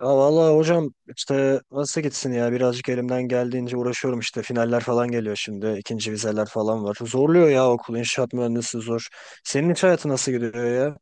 Ya vallahi hocam işte nasıl gitsin ya, birazcık elimden geldiğince uğraşıyorum işte, finaller falan geliyor şimdi, ikinci vizeler falan var. Zorluyor ya, okul inşaat mühendisi zor. Senin iş hayatı nasıl gidiyor ya?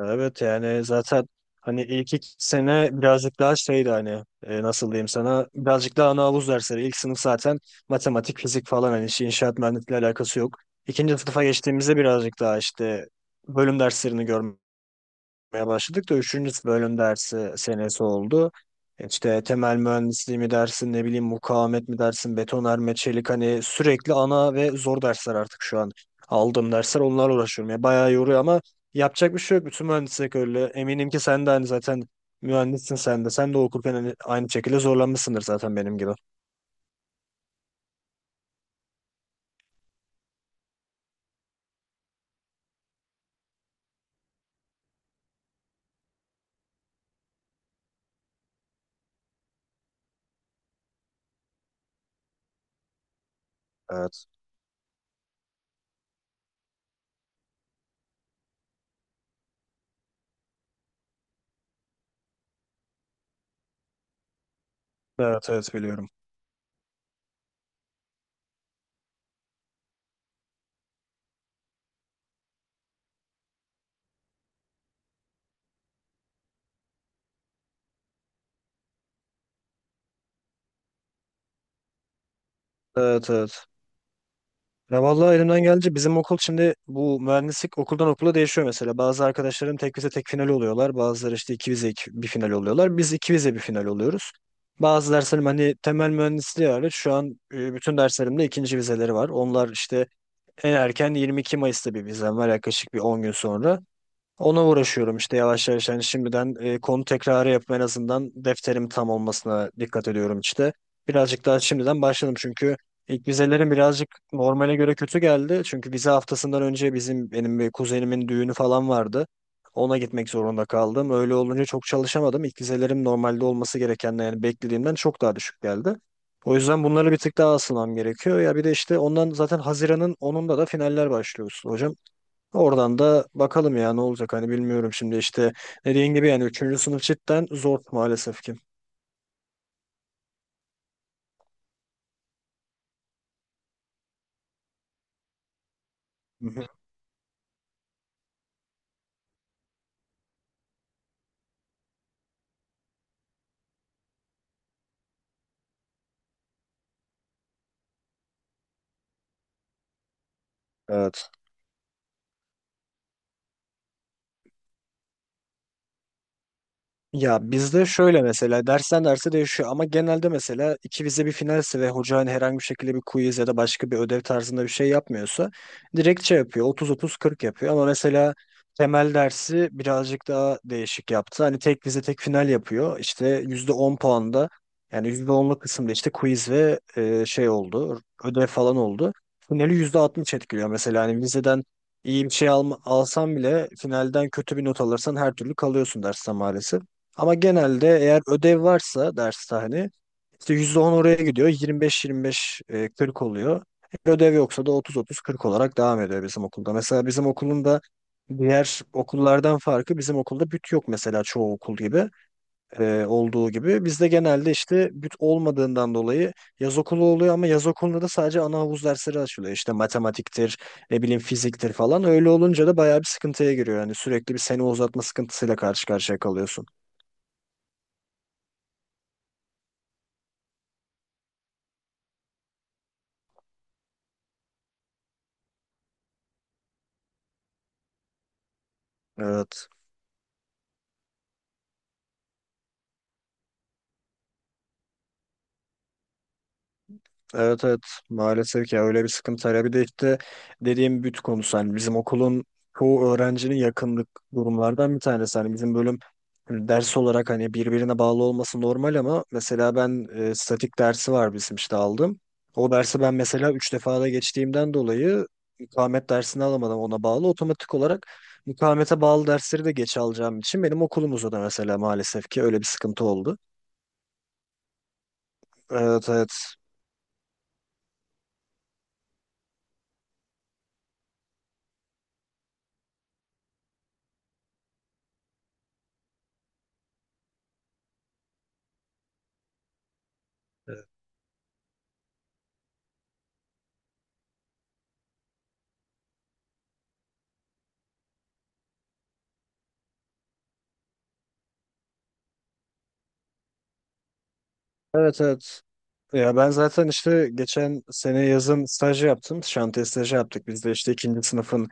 Evet, yani zaten hani ilk iki sene birazcık daha şeydi, hani nasıl diyeyim sana, birazcık daha ana havuz dersleri. İlk sınıf zaten matematik, fizik falan, hani işi inşaat mühendisliğiyle alakası yok. İkinci sınıfa geçtiğimizde birazcık daha işte bölüm derslerini görmek yapmaya başladık da 3. bölüm dersi senesi oldu. İşte temel mühendisliği mi dersin, ne bileyim mukavemet mi dersin, betonarme, çelik, hani sürekli ana ve zor dersler artık şu an. Aldığım dersler, onlarla uğraşıyorum. Ya bayağı yoruyor ama yapacak bir şey yok. Bütün mühendislik öyle. Eminim ki sen de hani zaten mühendissin sen de. Sen de okurken hani aynı şekilde zorlanmışsındır zaten benim gibi. Evet. Evet, evet biliyorum. Evet, evet. Ya vallahi elimden geldi. Bizim okul şimdi, bu mühendislik okuldan okula değişiyor mesela. Bazı arkadaşlarım tek vize tek final oluyorlar. Bazıları işte iki vize bir final oluyorlar. Biz iki vize bir final oluyoruz. Bazı derslerim, hani temel mühendisliği hariç şu an bütün derslerimde ikinci vizeleri var. Onlar işte en erken 22 Mayıs'ta bir vizem var, yaklaşık bir 10 gün sonra. Ona uğraşıyorum işte yavaş yavaş, yani şimdiden konu tekrarı yapıp en azından defterim tam olmasına dikkat ediyorum işte. Birazcık daha şimdiden başladım çünkü ilk vizelerim birazcık normale göre kötü geldi. Çünkü vize haftasından önce benim bir kuzenimin düğünü falan vardı. Ona gitmek zorunda kaldım. Öyle olunca çok çalışamadım. İlk vizelerim normalde olması gerekenden, yani beklediğimden çok daha düşük geldi. O yüzden bunları bir tık daha asılmam gerekiyor. Ya bir de işte ondan zaten Haziran'ın 10'unda da finaller başlıyorsun hocam. Oradan da bakalım ya ne olacak, hani bilmiyorum şimdi, işte dediğin gibi yani üçüncü sınıf cidden zor maalesef ki. Hı hı. Evet. Ya bizde şöyle mesela, dersten derse değişiyor ama genelde mesela iki vize bir finalse ve hoca hani herhangi bir şekilde bir quiz ya da başka bir ödev tarzında bir şey yapmıyorsa, direkt şey yapıyor, otuz 30 40 yapıyor ama mesela temel dersi birazcık daha değişik yaptı. Hani tek vize tek final yapıyor, işte %10 puanda, yani %10'luk kısımda işte quiz ve şey oldu, ödev falan oldu. Finali %60 etkiliyor mesela, hani vizeden iyi bir şey alsan bile finalden kötü bir not alırsan her türlü kalıyorsun dersten maalesef. Ama genelde eğer ödev varsa derste, hani işte %10 oraya gidiyor. 25-25 40 oluyor. Eğer ödev yoksa da otuz otuz 40 olarak devam ediyor bizim okulda. Mesela bizim okulun da diğer okullardan farkı, bizim okulda büt yok mesela çoğu okul gibi olduğu gibi. Bizde genelde işte büt olmadığından dolayı yaz okulu oluyor ama yaz okulunda da sadece ana havuz dersleri açılıyor. İşte matematiktir, ne bileyim fiziktir falan. Öyle olunca da bayağı bir sıkıntıya giriyor. Yani sürekli bir sene uzatma sıkıntısıyla karşı karşıya kalıyorsun. Evet. Evet, evet maalesef ya, öyle bir sıkıntı var. Ya bir de işte dediğim büt konusu, hani bizim okulun çoğu öğrencinin yakınlık durumlardan bir tanesi. Hani bizim bölüm hani ders olarak hani birbirine bağlı olması normal ama mesela ben statik dersi var bizim, işte aldım. O dersi ben mesela 3 defa da geçtiğimden dolayı mukavemet dersini alamadım, ona bağlı. Otomatik olarak mukavemete bağlı dersleri de geç alacağım için benim okulumuzda da mesela maalesef ki öyle bir sıkıntı oldu. Evet, evet. Evet, evet. Ya ben zaten işte geçen sene yazın staj yaptım. Şantiye stajı yaptık. Biz de işte ikinci sınıfın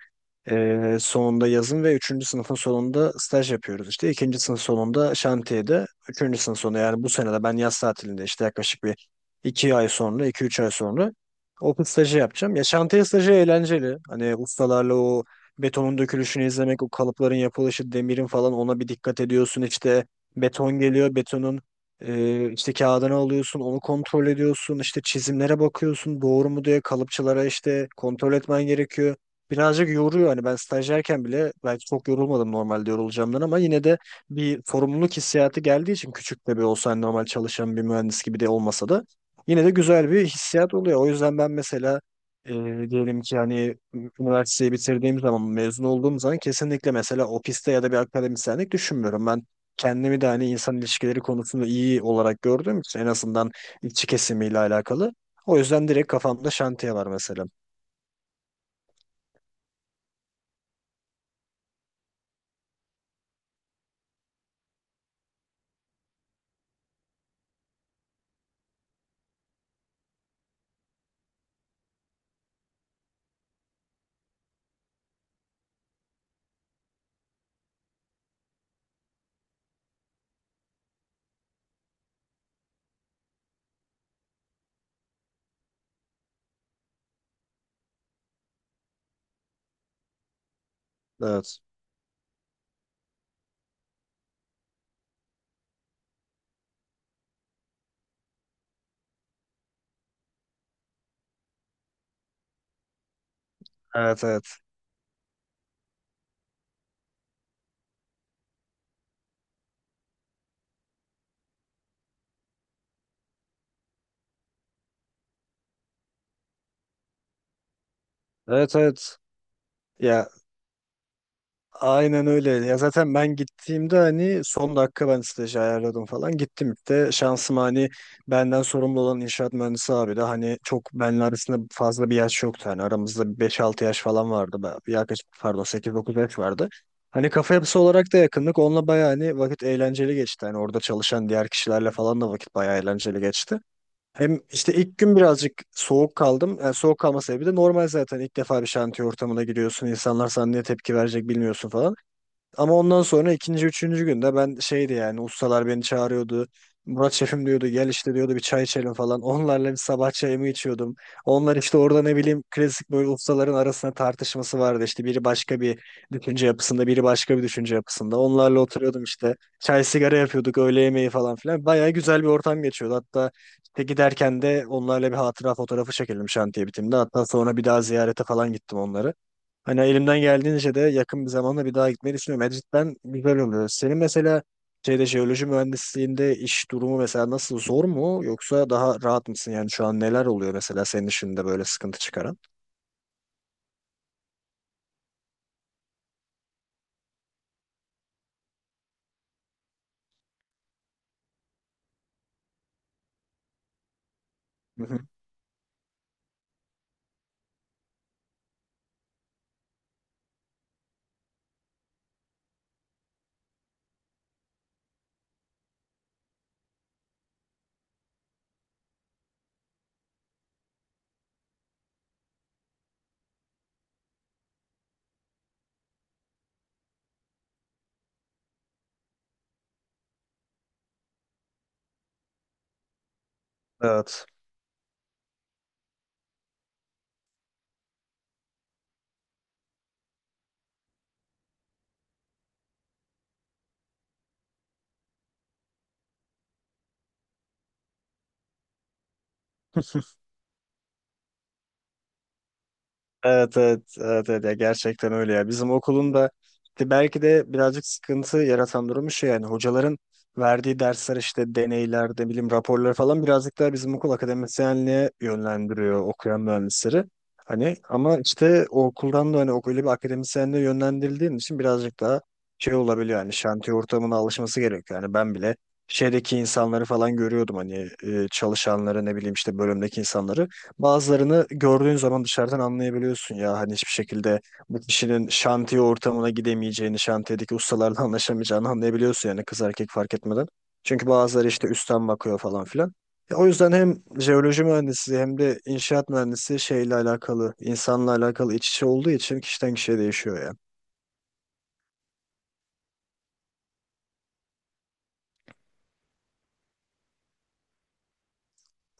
sonunda yazın ve üçüncü sınıfın sonunda staj yapıyoruz işte. 2. sınıf sonunda şantiyede. Üçüncü sınıf sonu, yani bu sene de ben yaz tatilinde işte yaklaşık bir iki ay sonra, 2 3 ay sonra okul stajı yapacağım. Ya şantiye stajı eğlenceli. Hani ustalarla o betonun dökülüşünü izlemek, o kalıpların yapılışı, demirin falan, ona bir dikkat ediyorsun. İşte beton geliyor, betonun işte kağıdını alıyorsun, onu kontrol ediyorsun. İşte çizimlere bakıyorsun, doğru mu diye kalıpçılara işte kontrol etmen gerekiyor, birazcık yoruyor. Hani ben stajyerken bile belki çok yorulmadım normalde yorulacağımdan ama yine de bir sorumluluk hissiyatı geldiği için, küçük de bir olsa hani normal çalışan bir mühendis gibi de olmasa da, yine de güzel bir hissiyat oluyor. O yüzden ben mesela, e, diyelim ki hani üniversiteyi bitirdiğim zaman, mezun olduğum zaman, kesinlikle mesela ofiste ya da bir akademisyenlik düşünmüyorum. Ben kendimi de hani insan ilişkileri konusunda iyi olarak gördüğüm için, en azından işçi kesimiyle alakalı. O yüzden direkt kafamda şantiye var mesela. Evet. Evet, evet. Evet, evet. Ya aynen öyle. Ya zaten ben gittiğimde hani son dakika ben stajı ayarladım falan. Gittim de şansım, hani benden sorumlu olan inşaat mühendisi abi de hani çok benle arasında fazla bir yaş yoktu. Hani aramızda bir 5-6 yaş falan vardı. Yaklaşık pardon sekiz dokuz yaş vardı. Hani kafa yapısı olarak da yakınlık. Onunla bayağı hani vakit eğlenceli geçti. Hani orada çalışan diğer kişilerle falan da vakit bayağı eğlenceli geçti. Hem işte ilk gün birazcık soğuk kaldım. Yani soğuk kalma sebebi de normal zaten. İlk defa bir şantiye ortamına giriyorsun. İnsanlar sana ne tepki verecek bilmiyorsun falan. Ama ondan sonra ikinci, üçüncü günde ben şeydi yani, ustalar beni çağırıyordu. Murat şefim diyordu, gel işte diyordu, bir çay içelim falan. Onlarla bir sabah çayımı içiyordum. Onlar işte orada ne bileyim klasik böyle ustaların arasında tartışması vardı. İşte biri başka bir düşünce yapısında, biri başka bir düşünce yapısında. Onlarla oturuyordum işte. Çay sigara yapıyorduk, öğle yemeği falan filan. Bayağı güzel bir ortam geçiyordu. Hatta işte giderken de onlarla bir hatıra fotoğrafı çekelim şantiye bitiminde. Hatta sonra bir daha ziyarete falan gittim onları. Hani elimden geldiğince de yakın bir zamanda bir daha gitmeyi düşünüyorum. Yani cidden güzel oluyor. Senin mesela şeyde, jeoloji mühendisliğinde iş durumu mesela nasıl, zor mu yoksa daha rahat mısın? Yani şu an neler oluyor mesela senin işinde böyle sıkıntı çıkaran? Hı hı. Evet. Evet, evet, evet, evet ya gerçekten öyle ya, bizim okulun da işte belki de birazcık sıkıntı yaratan durumu şey yani, hocaların verdiği dersler işte, deneyler de, bilim raporları falan, birazcık daha bizim okul akademisyenliğe yönlendiriyor okuyan mühendisleri. Hani ama işte o okuldan da hani öyle bir akademisyenliğe yönlendirildiğin için birazcık daha şey olabiliyor, yani şantiye ortamına alışması gerekiyor. Yani ben bile şeydeki insanları falan görüyordum hani, çalışanları ne bileyim, işte bölümdeki insanları. Bazılarını gördüğün zaman dışarıdan anlayabiliyorsun ya, hani hiçbir şekilde bu kişinin şantiye ortamına gidemeyeceğini, şantiyedeki ustalarla anlaşamayacağını anlayabiliyorsun, yani kız erkek fark etmeden. Çünkü bazıları işte üstten bakıyor falan filan. Ya o yüzden hem jeoloji mühendisi hem de inşaat mühendisi şeyle alakalı, insanla alakalı iç içe olduğu için kişiden kişiye değişiyor ya.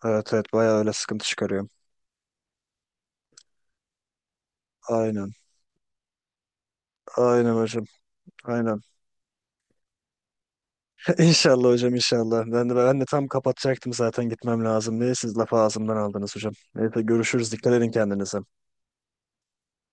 Evet, evet bayağı öyle sıkıntı çıkarıyor. Aynen. Aynen hocam. Aynen. İnşallah hocam, inşallah. Ben de tam kapatacaktım zaten, gitmem lazım diye. Siz lafı ağzımdan aldınız hocam. Neyse, görüşürüz. Dikkat edin kendinize.